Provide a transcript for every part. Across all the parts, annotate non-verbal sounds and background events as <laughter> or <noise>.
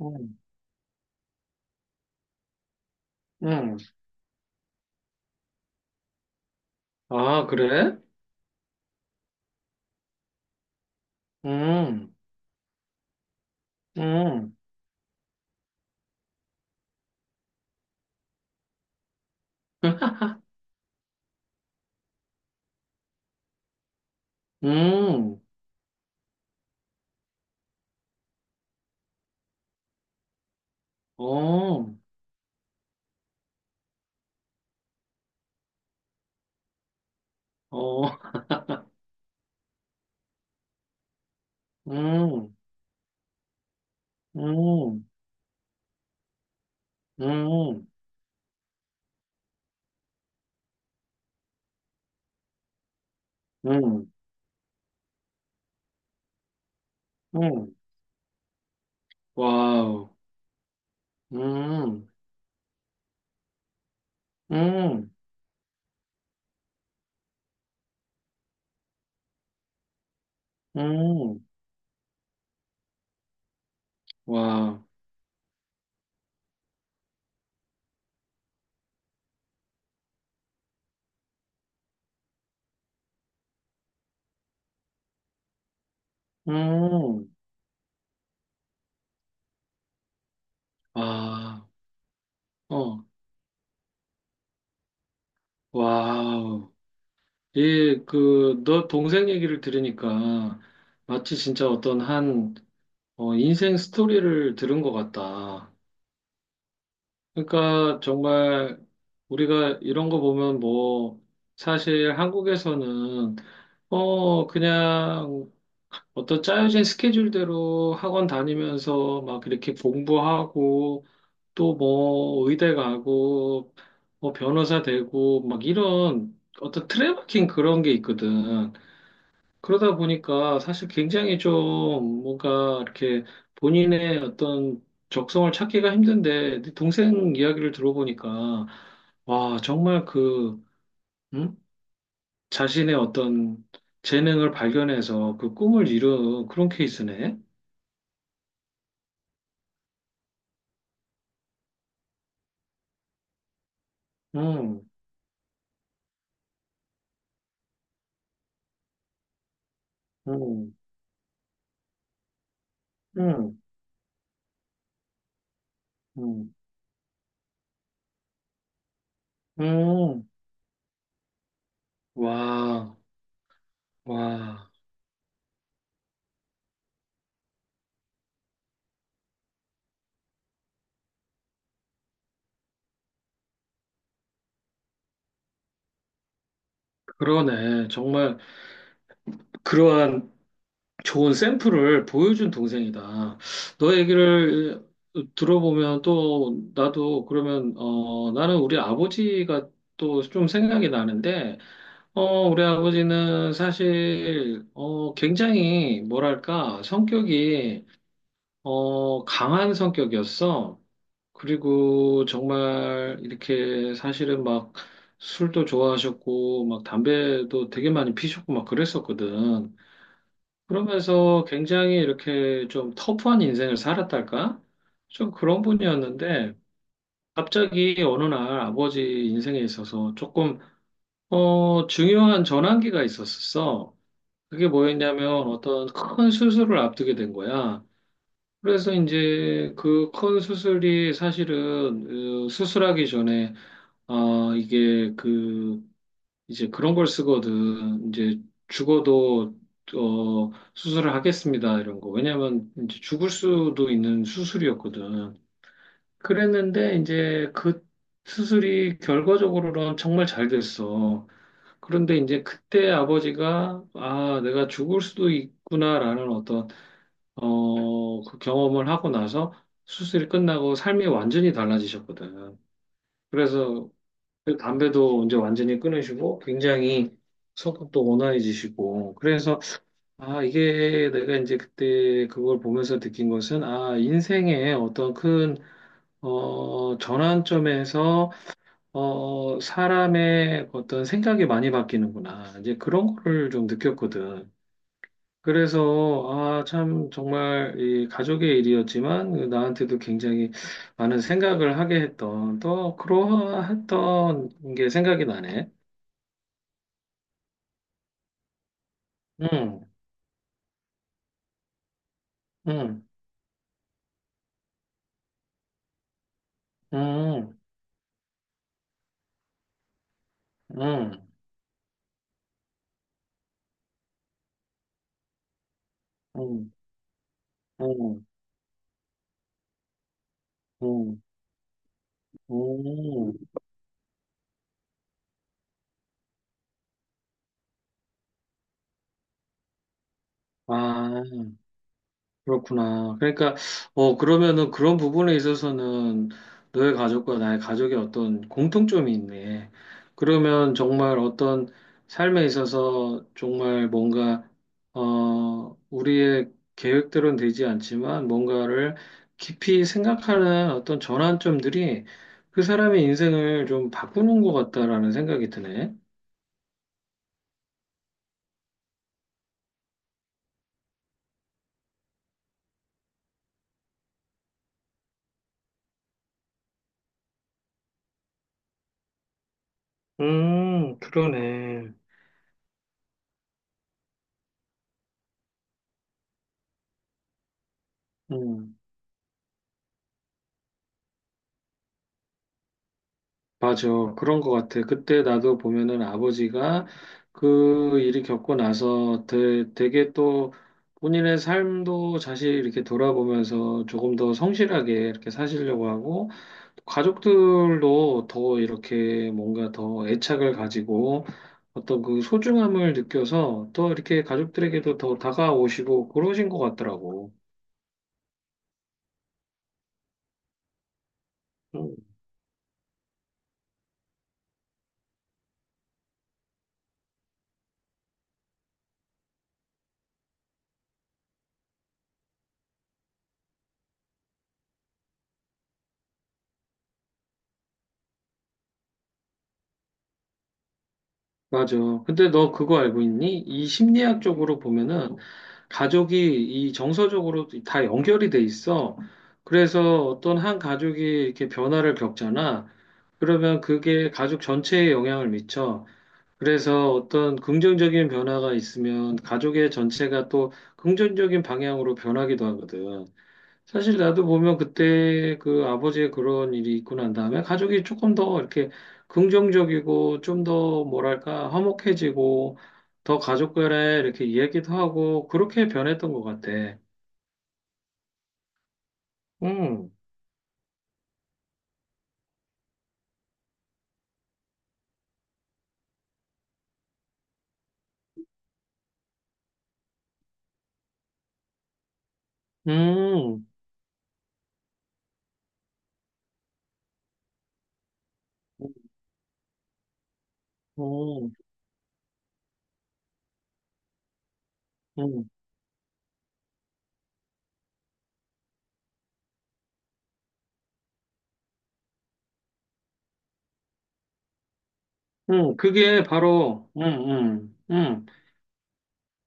음, 음. 아, 그래? 음, 음, 음, <laughs> 어, 어, 음, 음, 음, 음, 음, 와우, 음, 음, 음, 와우, 음, 아, 어, 와우. 너 동생 얘기를 들으니까 마치 진짜 어떤 한, 인생 스토리를 들은 것 같다. 그러니까 정말 우리가 이런 거 보면 뭐 사실 한국에서는 그냥 어떤 짜여진 스케줄대로 학원 다니면서 막 이렇게 공부하고 또 뭐 의대 가고 뭐 변호사 되고 막 이런 어떤 트래버킹 그런 게 있거든. 그러다 보니까 사실 굉장히 좀 뭔가 이렇게 본인의 어떤 적성을 찾기가 힘든데 네 동생 이야기를 들어보니까 와 정말 그 음? 자신의 어떤 재능을 발견해서 그 꿈을 이룬 그런 케이스네. 음, 음, 음, 음, 음. 와, 와, 그러네. 정말 그러한 좋은 샘플을 보여준 동생이다. 너 얘기를 들어보면 또 나도 그러면 나는 우리 아버지가 또 좀 생각이 나는데 우리 아버지는 사실 굉장히 뭐랄까 성격이 강한 성격이었어. 그리고 정말 이렇게 사실은 막 술도 좋아하셨고 막 담배도 되게 많이 피셨고 막 그랬었거든. 그러면서 굉장히 이렇게 좀 터프한 인생을 살았달까? 좀 그런 분이었는데, 갑자기 어느 날 아버지 인생에 있어서 조금, 중요한 전환기가 있었어. 그게 뭐였냐면 어떤 큰 수술을 앞두게 된 거야. 그래서 이제 그 큰 수술이 사실은 수술하기 전에, 이게 그 이제 그런 걸 쓰거든. 이제 죽어도 수술을 하겠습니다. 이런 거. 왜냐면 이제 죽을 수도 있는 수술이었거든. 그랬는데 이제 그 수술이 결과적으로는 정말 잘 됐어. 그런데 이제 그때 아버지가 아, 내가 죽을 수도 있구나라는 어떤 그 경험을 하고 나서 수술이 끝나고 삶이 완전히 달라지셨거든. 그래서 그리고 담배도 이제 완전히 끊으시고 굉장히 성격도 온화해지시고 그래서 아 이게 내가 이제 그때 그걸 보면서 느낀 것은 아 인생의 어떤 큰 전환점에서 사람의 어떤 생각이 많이 바뀌는구나 이제 그런 거를 좀 느꼈거든. 그래서 아 참 정말 이 가족의 일이었지만 나한테도 굉장히 많은 생각을 하게 했던 또 그러했던 게 생각이 나네. 음, 음, 음, 음, 음, 음, 음, 음. 아. 그렇구나. 그러니까, 그러면은 그런 부분에 있어서는 너의 가족과 나의 가족의 어떤 공통점이 있네. 그러면 정말 어떤 삶에 있어서 정말 뭔가, 우리의 계획대로는 되지 않지만 뭔가를 깊이 생각하는 어떤 전환점들이 그 사람의 인생을 좀 바꾸는 것 같다라는 생각이 드네. 그러네. 음. 맞아. 그런 것 같아. 그때 나도 보면은 아버지가 그 일이 겪고 나서 되게 또 본인의 삶도 다시 이렇게 돌아보면서 조금 더 성실하게 이렇게 사시려고 하고 가족들도 더 이렇게 뭔가 더 애착을 가지고 어떤 그 소중함을 느껴서 또 이렇게 가족들에게도 더 다가오시고 그러신 것 같더라고. 응. 맞아. 근데 너 그거 알고 있니? 이 심리학 쪽으로 보면은 가족이 이 정서적으로 다 연결이 돼 있어. 그래서 어떤 한 가족이 이렇게 변화를 겪잖아. 그러면 그게 가족 전체에 영향을 미쳐. 그래서 어떤 긍정적인 변화가 있으면 가족의 전체가 또 긍정적인 방향으로 변하기도 하거든. 사실 나도 보면 그때 그 아버지의 그런 일이 있고 난 다음에 가족이 조금 더 이렇게 긍정적이고 좀 더 뭐랄까 화목해지고 더 가족 간에 이렇게 이야기도 하고 그렇게 변했던 것 같아. 음, 음, 음, 음, 음. 그게 바로, 음, 음, 음.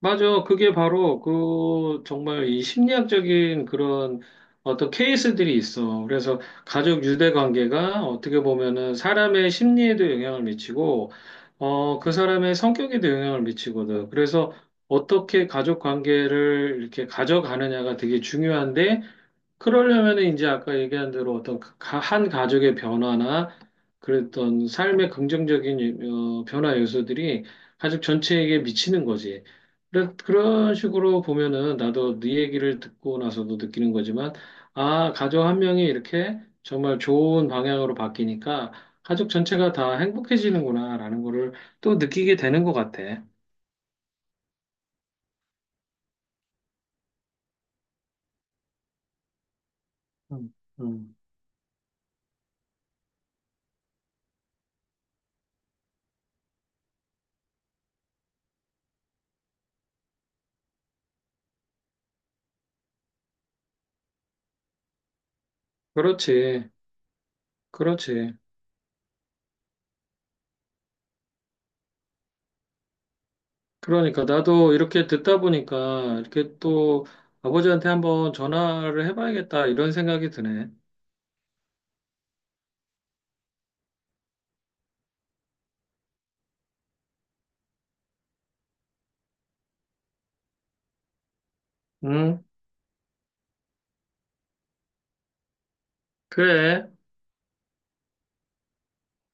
맞아. 그게 바로 그 정말 이 심리학적인 그런 어떤 케이스들이 있어. 그래서 가족 유대 관계가 어떻게 보면은 사람의 심리에도 영향을 미치고, 그 사람의 성격에도 영향을 미치거든. 그래서 어떻게 가족 관계를 이렇게 가져가느냐가 되게 중요한데, 그러려면 이제 아까 얘기한 대로 어떤 한 가족의 변화나 그랬던 삶의 긍정적인 변화 요소들이 가족 전체에게 미치는 거지. 그런 식으로 보면은 나도 네 얘기를 듣고 나서도 느끼는 거지만, 아, 가족 한 명이 이렇게 정말 좋은 방향으로 바뀌니까 가족 전체가 다 행복해지는구나라는 거를 또 느끼게 되는 것 같아. 음, 음. 그렇지, 그렇지. 그러니까 나도 이렇게 듣다 보니까 이렇게 또 아버지한테 한번 전화를 해봐야겠다 이런 생각이 드네. 응, 그래.